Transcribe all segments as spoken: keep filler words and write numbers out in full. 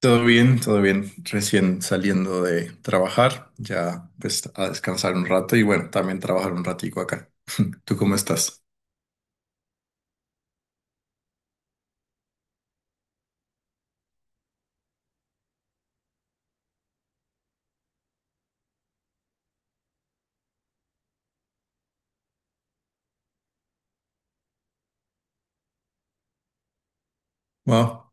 Todo bien, todo bien. Recién saliendo de trabajar, ya pues a descansar un rato y bueno, también trabajar un ratico acá. ¿Tú cómo estás? Wow,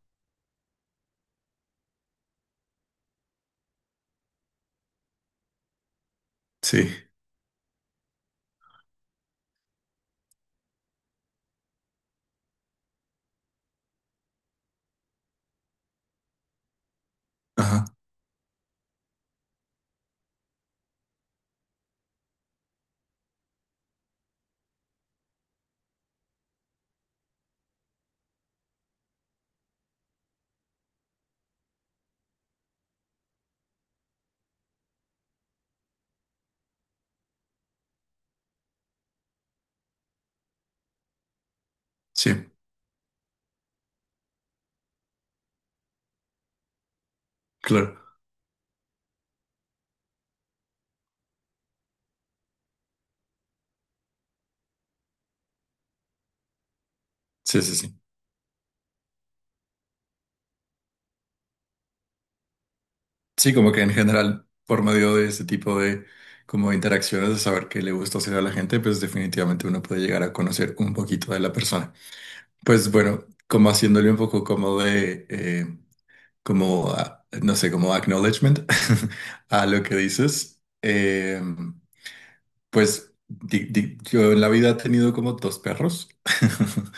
sí, ajá, sí, claro, sí, sí, sí. Sí, como que en general, por medio de ese tipo de como de interacciones, de saber qué le gusta hacer a la gente, pues definitivamente uno puede llegar a conocer un poquito de la persona. Pues bueno, como haciéndole un poco como de, eh, como, ah, no sé, como acknowledgement a lo que dices. Eh, pues di- di- yo en la vida he tenido como dos perros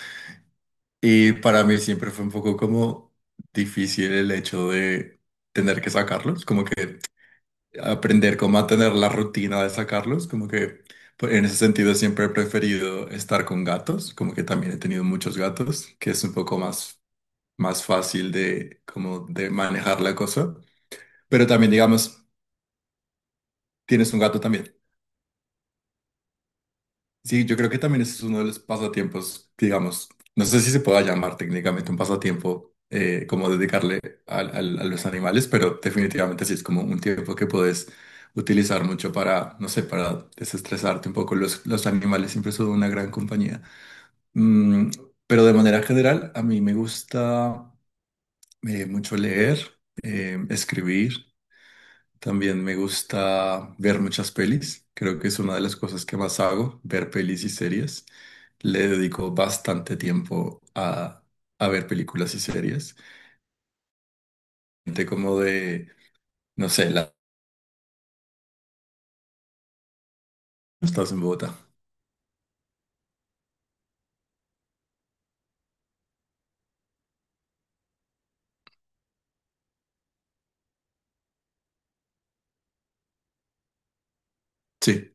y para mí siempre fue un poco como difícil el hecho de tener que sacarlos, como que aprender cómo a tener la rutina de sacarlos, como que pues, en ese sentido siempre he preferido estar con gatos, como que también he tenido muchos gatos, que es un poco más, más fácil de, como de manejar la cosa. Pero también, digamos, tienes un gato también. Sí, yo creo que también ese es uno de los pasatiempos, digamos, no sé si se pueda llamar técnicamente un pasatiempo eh, como dedicarle al- al- a, los animales, pero definitivamente sí es como un tiempo que puedes utilizar mucho para, no sé, para desestresarte un poco. Los, los animales siempre son una gran compañía. Mm, pero de manera general, a mí me gusta eh, mucho leer, eh, escribir. También me gusta ver muchas pelis. Creo que es una de las cosas que más hago, ver pelis y series. Le dedico bastante tiempo a, a ver películas y series. Gente como de, no sé, la... Estás en Bogotá. Sí.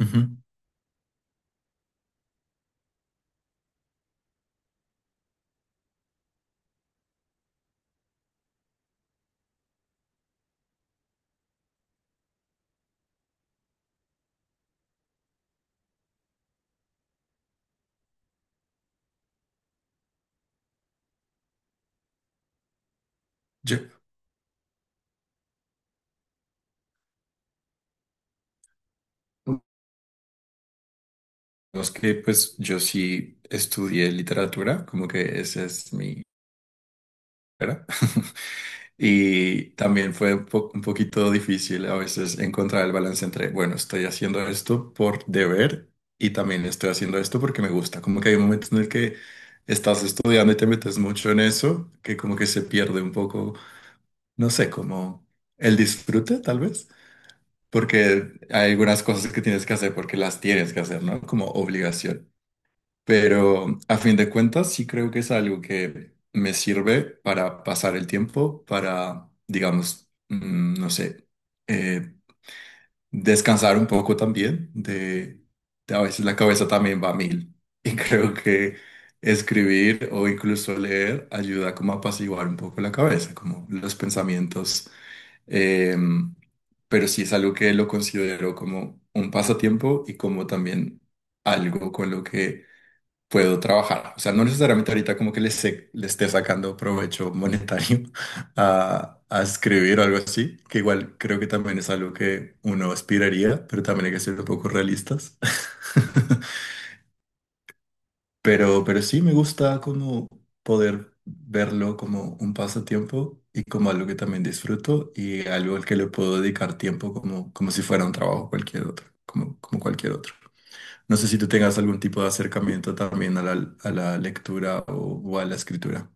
Ujú. Yo, es que pues yo sí estudié literatura, como que esa es mi carrera. Y también fue un po- un poquito difícil a veces encontrar el balance entre, bueno, estoy haciendo esto por deber y también estoy haciendo esto porque me gusta. Como que hay momentos en el que estás estudiando y te metes mucho en eso, que como que se pierde un poco, no sé, como el disfrute tal vez, porque hay algunas cosas que tienes que hacer porque las tienes que hacer, ¿no? Como obligación. Pero a fin de cuentas, sí creo que es algo que me sirve para pasar el tiempo, para, digamos, mm, no sé, eh, descansar un poco también de, de a veces la cabeza también va a mil. Y creo que escribir o incluso leer ayuda como a apaciguar un poco la cabeza, como los pensamientos. em, pero sí es algo que lo considero como un pasatiempo y como también algo con lo que puedo trabajar. O sea, no necesariamente ahorita como que le, se- le esté sacando provecho monetario a, a escribir o algo así, que igual creo que también es algo que uno aspiraría, pero también hay que ser un poco realistas. Pero, pero sí me gusta como poder verlo como un pasatiempo y como algo que también disfruto y algo al que le puedo dedicar tiempo como, como si fuera un trabajo cualquier otro, como, como cualquier otro. No sé si tú tengas algún tipo de acercamiento también a la, a la lectura o, o a la escritura.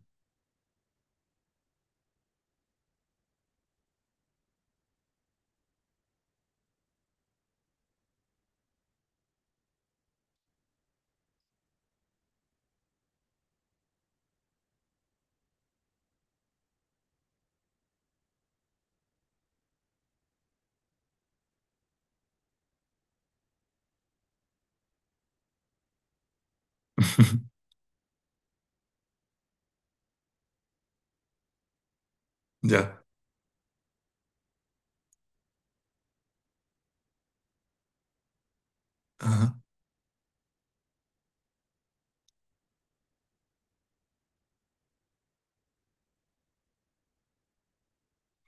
Ya, ajá,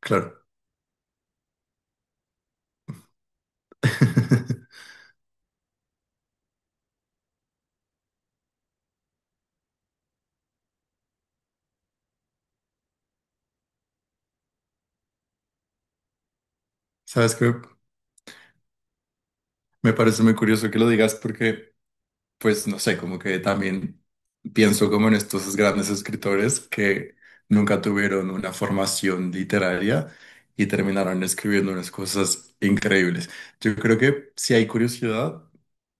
claro. Sabes que me parece muy curioso que lo digas porque, pues, no sé, como que también pienso como en estos grandes escritores que nunca tuvieron una formación literaria y terminaron escribiendo unas cosas increíbles. Yo creo que si hay curiosidad,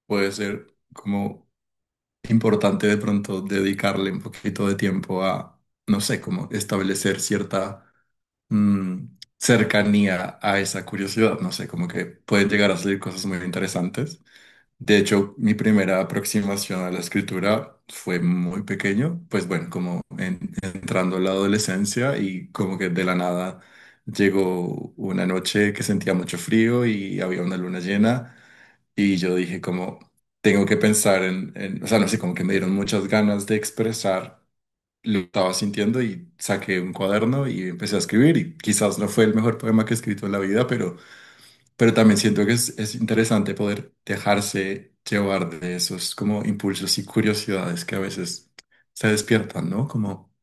puede ser como importante de pronto dedicarle un poquito de tiempo a, no sé, como establecer cierta mm, cercanía a esa curiosidad, no sé, como que pueden llegar a salir cosas muy interesantes. De hecho, mi primera aproximación a la escritura fue muy pequeño, pues bueno, como en- entrando a la adolescencia y como que de la nada llegó una noche que sentía mucho frío y había una luna llena. Y yo dije como, tengo que pensar en, en- o sea, no sé, como que me dieron muchas ganas de expresar lo que estaba sintiendo y saqué un cuaderno y empecé a escribir y quizás no fue el mejor poema que he escrito en la vida, pero, pero también siento que es, es interesante poder dejarse llevar de esos como impulsos y curiosidades que a veces se despiertan, ¿no? Como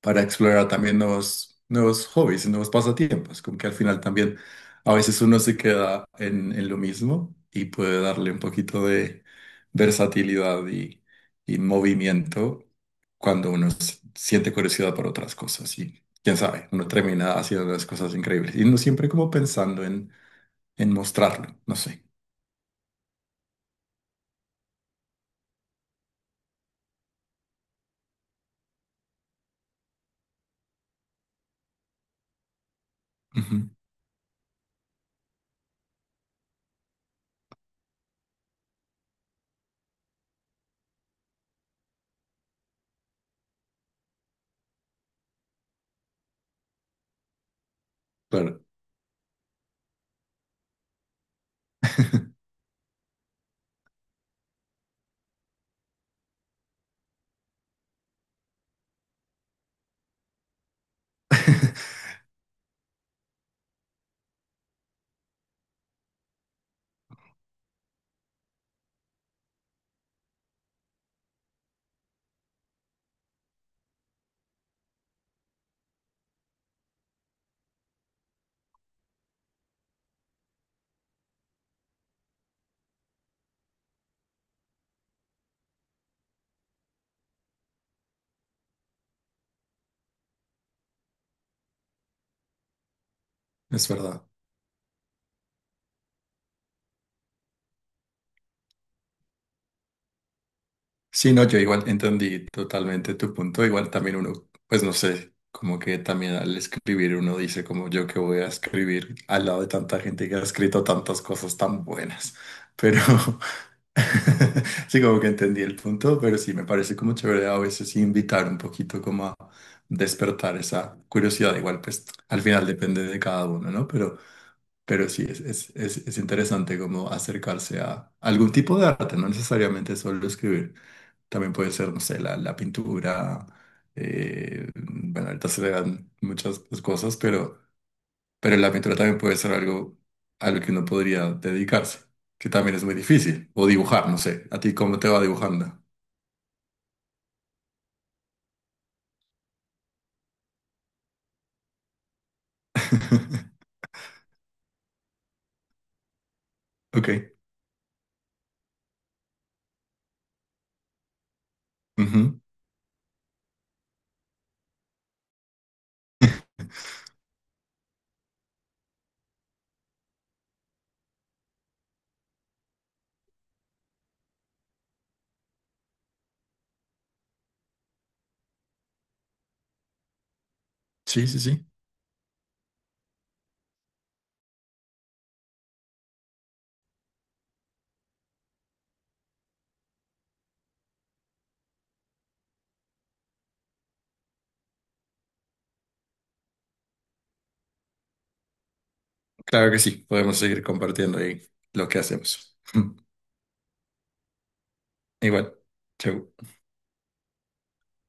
para explorar también nuevos, nuevos hobbies y nuevos pasatiempos, como que al final también a veces uno se queda en, en lo mismo y puede darle un poquito de versatilidad y, y movimiento cuando uno s- siente curiosidad por otras cosas y quién sabe, uno termina haciendo unas cosas increíbles y no siempre como pensando en, en mostrarlo, no sé. Ujú, claro, es verdad. Sí, no, yo igual entendí totalmente tu punto. Igual también uno, pues no sé, como que también al escribir uno dice como yo que voy a escribir al lado de tanta gente que ha escrito tantas cosas tan buenas. Pero sí, como que entendí el punto, pero sí, me parece como chévere a veces invitar un poquito como a despertar esa curiosidad. Igual, pues al final depende de cada uno, ¿no? Pero, pero sí, es, es, es, es interesante como acercarse a algún tipo de arte, no necesariamente solo escribir. También puede ser, no sé, la, la pintura. eh, bueno, ahorita se le dan muchas cosas, pero, pero la pintura también puede ser algo a lo que uno podría dedicarse, que también es muy difícil. O dibujar, no sé. ¿A ti cómo te va dibujando? Ok. Ujú. Sí, sí, sí. Claro que sí. Podemos seguir compartiendo ahí lo que hacemos. Igual. Chau.